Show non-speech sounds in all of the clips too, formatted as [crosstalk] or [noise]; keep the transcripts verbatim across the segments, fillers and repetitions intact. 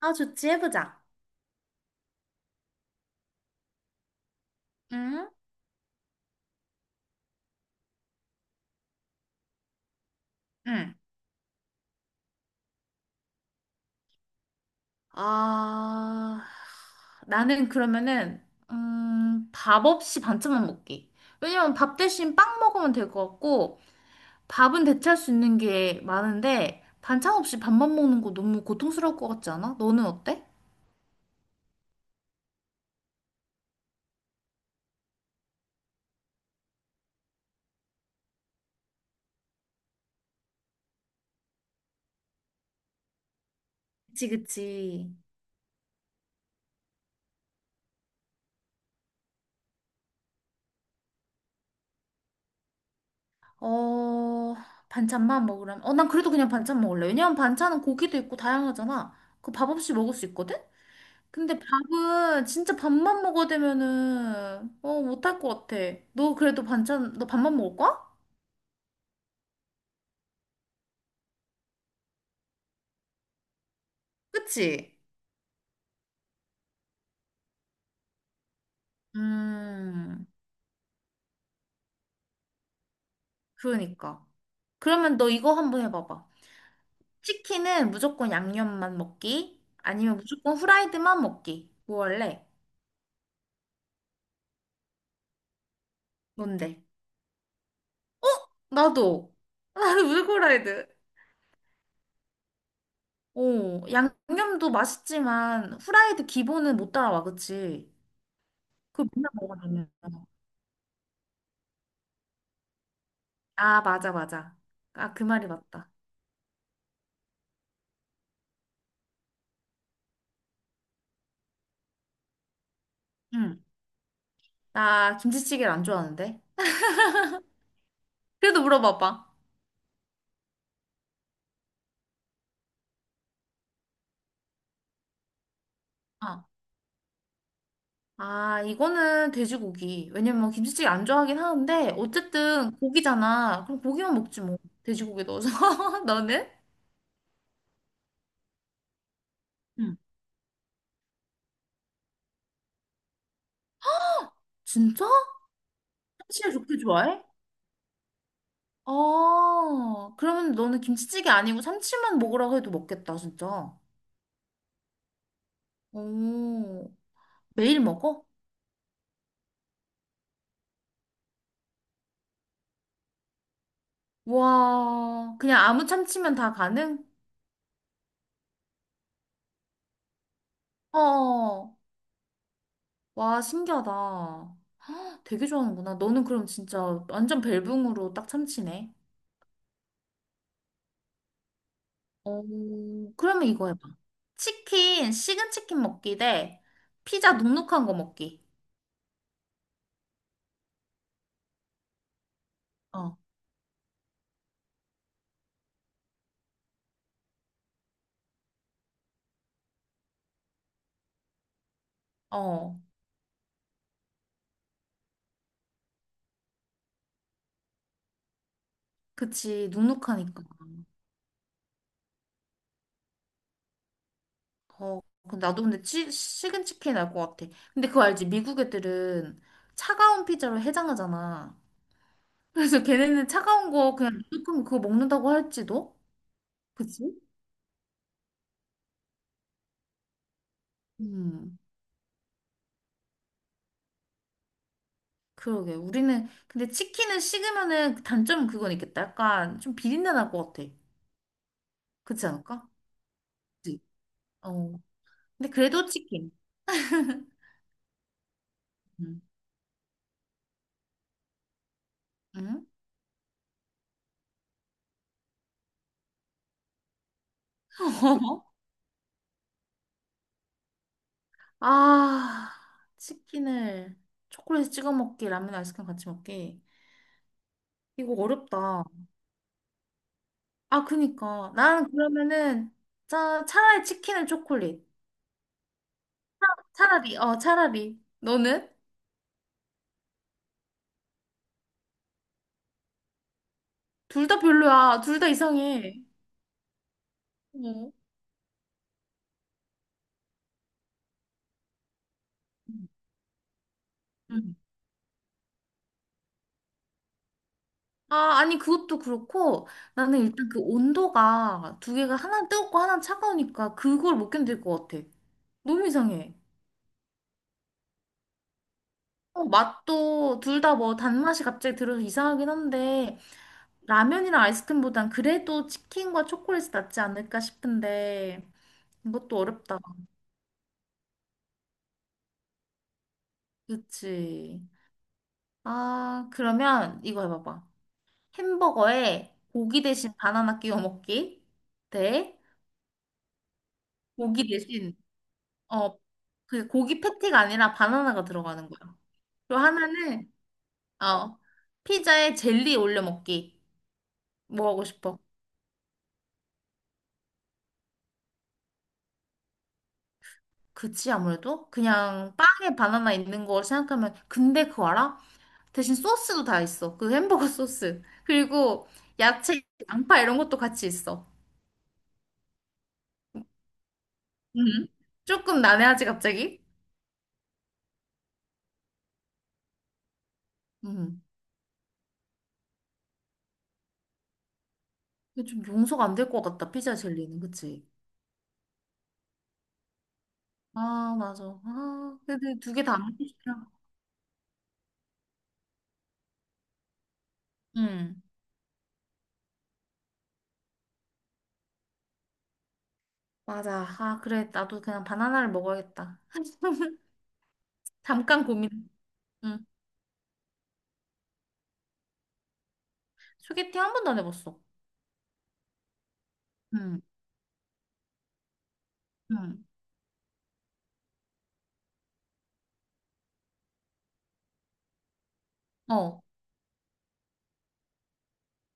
아, 좋지, 해보자. 응? 응. 아, 나는 그러면은, 음, 밥 없이 반찬만 먹기. 왜냐면 밥 대신 빵 먹으면 될 것 같고, 밥은 대체할 수 있는 게 많은데, 반찬 없이 밥만 먹는 거 너무 고통스러울 것 같지 않아? 너는 어때? 그치, 그치. 어, 반찬만 먹으라면. 어, 난 그래도 그냥 반찬 먹을래. 왜냐면 반찬은 고기도 있고 다양하잖아. 그 밥 없이 먹을 수 있거든? 근데 밥은 진짜 밥만 먹어대면은 어 못할 것 같아. 너 그래도 반찬 너 밥만 먹을 거야? 그치? 음 그러니까. 그러면 너 이거 한번 해봐봐. 치킨은 무조건 양념만 먹기 아니면 무조건 후라이드만 먹기. 뭐 할래? 뭔데? 나도 [laughs] 나도 무조건 후라이드. 오 양념도 맛있지만 후라이드 기본은 못 따라와 그치? 그거 맨날 먹어야 되는 아 맞아 맞아. 아 그 말이 맞다. 응. 나 김치찌개를 안 좋아하는데. 그래도 물어봐봐. 어. 아, 이거는 돼지고기. 왜냐면 김치찌개 안 좋아하긴 하는데, 어쨌든 고기잖아. 그럼 고기만 먹지 뭐. 돼지고기 넣어서. [laughs] 너는? 응. 진짜? 참치를 그렇게 좋아해? 어, 그러면 너는 김치찌개 아니고 참치만 먹으라고 해도 먹겠다, 진짜. 오, 매일 먹어? 와, 그냥 아무 참치면 다 가능? 어, 와, 신기하다. 되게 좋아하는구나. 너는 그럼 진짜 완전 벨붕으로 딱 참치네. 어, 그러면 이거 해봐. 치킨, 식은 치킨 먹기 대 피자 눅눅한 거 먹기. 어, 어, 그치. 눅눅하니까. 어, 근데 나도 근데 치, 식은 치킨 날 것 같아. 근데 그거 알지? 미국 애들은 차가운 피자로 해장하잖아. 그래서 걔네는 차가운 거 그냥 눅눅한 거 그거 먹는다고 할지도? 그치? 음. 그러게. 우리는, 근데 치킨은 식으면은 그 단점은 그건 있겠다. 약간 좀 비린내 날 것 같아. 그렇지 않을까? 그치? 어. 근데 그래도 치킨. [laughs] 응. 응? 아, 치킨을 초콜릿에 찍어 먹기, 라면 아이스크림 같이 먹기. 이거 어렵다. 아, 그니까. 나는 그러면은 차, 차라리 치킨을 초콜릿. 차라리, 어, 차라리. 너는? 둘 다 별로야. 둘 다 이상해. 어. 응. 아, 아니, 그것도 그렇고, 나는 일단 그 온도가 두 개가 하나는 뜨겁고 하나는 차가우니까 그걸 못 견딜 것 같아. 너무 이상해. 어, 맛도 둘 다 뭐 단맛이 갑자기 들어서 이상하긴 한데, 라면이랑 아이스크림보단 그래도 치킨과 초콜릿이 낫지 않을까 싶은데, 이것도 어렵다. 그치. 아, 그러면 이거 해봐봐. 햄버거에 고기 대신 바나나 끼워 먹기 대 고기 대신 어, 그 고기 패티가 아니라 바나나가 들어가는 거야. 그리고 하나는 어 피자에 젤리 올려 먹기. 뭐 하고 싶어? 그치 아무래도 그냥 빵에 바나나 있는 걸 생각하면 근데 그거 알아? 대신 소스도 다 있어. 그 햄버거 소스. 그리고 야채, 양파 이런 것도 같이 있어. 음. 조금 난해하지 갑자기? 음. 근데 좀 용서가 안 될 것 같다 피자 젤리는 그치? 아 맞아. 아 근데 두 개 다 안 먹고 싶다. 응 맞아. 아, 그래. 나도 그냥 바나나를 먹어야겠다. [laughs] 잠깐 고민. 응. 소개팅 한 번도 안 해봤어. 응, 응. 어,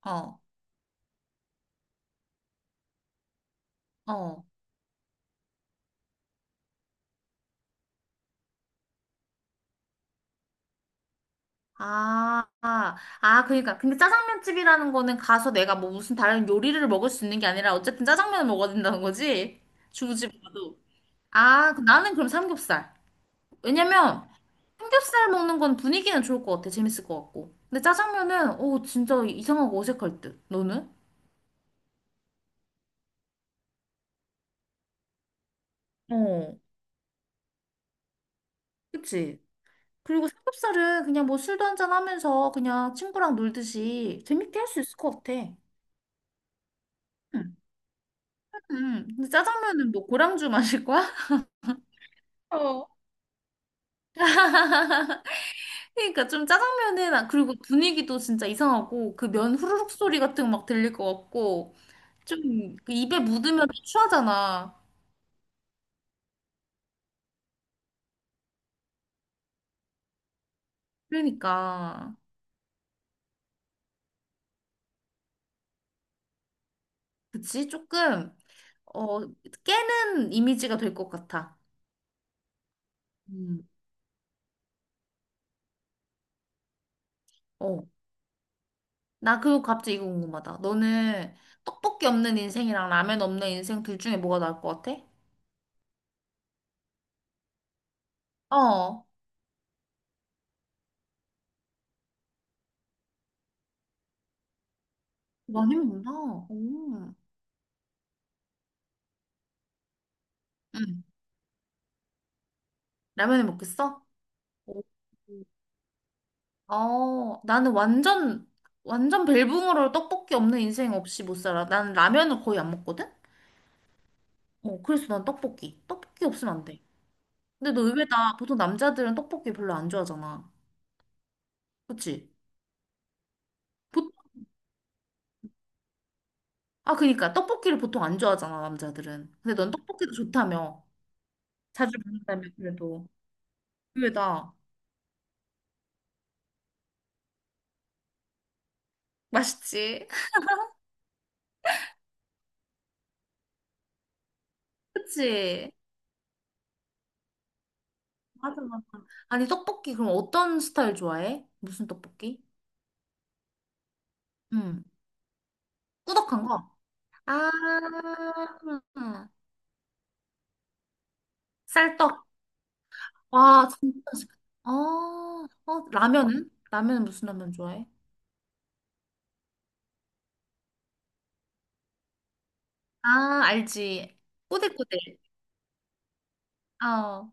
어, 어. 아, 아, 아, 그러니까. 근데 짜장면 집이라는 거는 가서 내가 뭐 무슨 다른 요리를 먹을 수 있는 게 아니라 어쨌든 짜장면을 먹어야 된다는 거지? 주부집 가도. 아, 그- 나는 그럼 삼겹살. 왜냐면 삼겹살 먹는 건 분위기는 좋을 것 같아. 재밌을 것 같고. 근데 짜장면은, 오, 진짜 이상하고 어색할 듯. 너는? 어, 그치? 그리고 삼겹살은 그냥 뭐 술도 한잔 하면서 그냥 친구랑 놀듯이 재밌게 할 수 있을 것 같아. 응. 음. 근데 짜장면은 뭐 고량주 마실 거야? [laughs] 어. 그러니까 좀 짜장면은 아, 그리고 분위기도 진짜 이상하고 그 면 후루룩 소리 같은 거 막 들릴 것 같고 좀그 입에 묻으면 추하잖아. 그러니까 그치? 조금 어 깨는 이미지가 될 것 같아. 음. 어. 나 그거 갑자기 이거 궁금하다. 너는 떡볶이 없는 인생이랑 라면 없는 인생 둘 중에 뭐가 나을 것 같아? 어, 많이 먹나? 오. 응, 라면을 먹겠어? 어, 어, 나는 완전, 완전 벨붕으로 떡볶이 없는 인생 없이 못 살아. 나는 라면을 거의 안 먹거든? 어, 그래서 난 떡볶이. 떡볶이 없으면 안 돼. 근데 너 의외다. 보통 남자들은 떡볶이 별로 안 좋아하잖아. 그치? 보, 아, 그니까. 떡볶이를 보통 안 좋아하잖아, 남자들은. 근데 넌 떡볶이도 좋다며. 자주 먹는다며 그래도 의외다. 맛있지? [laughs] 그치? 맞아, 맞아. 아니, 떡볶이 그럼 어떤 스타일 좋아해? 무슨 떡볶이? 응. 꾸덕한 거? 아, 쌀떡. 와, 진짜 맛있겠다. 어, 어, 라면은? 라면은 무슨 라면 좋아해? 아, 알지. 꼬들꼬들. 어.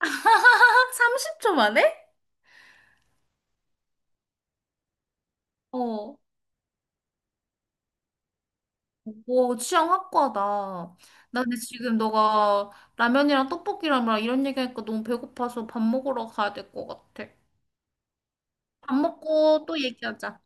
[laughs] 삼십 초 만에? 어. 오, 취향 확고하다. 나 근데 지금 너가 라면이랑 떡볶이랑 막 이런 얘기하니까 너무 배고파서 밥 먹으러 가야 될 것 같아. 밥 먹고 또 얘기하자.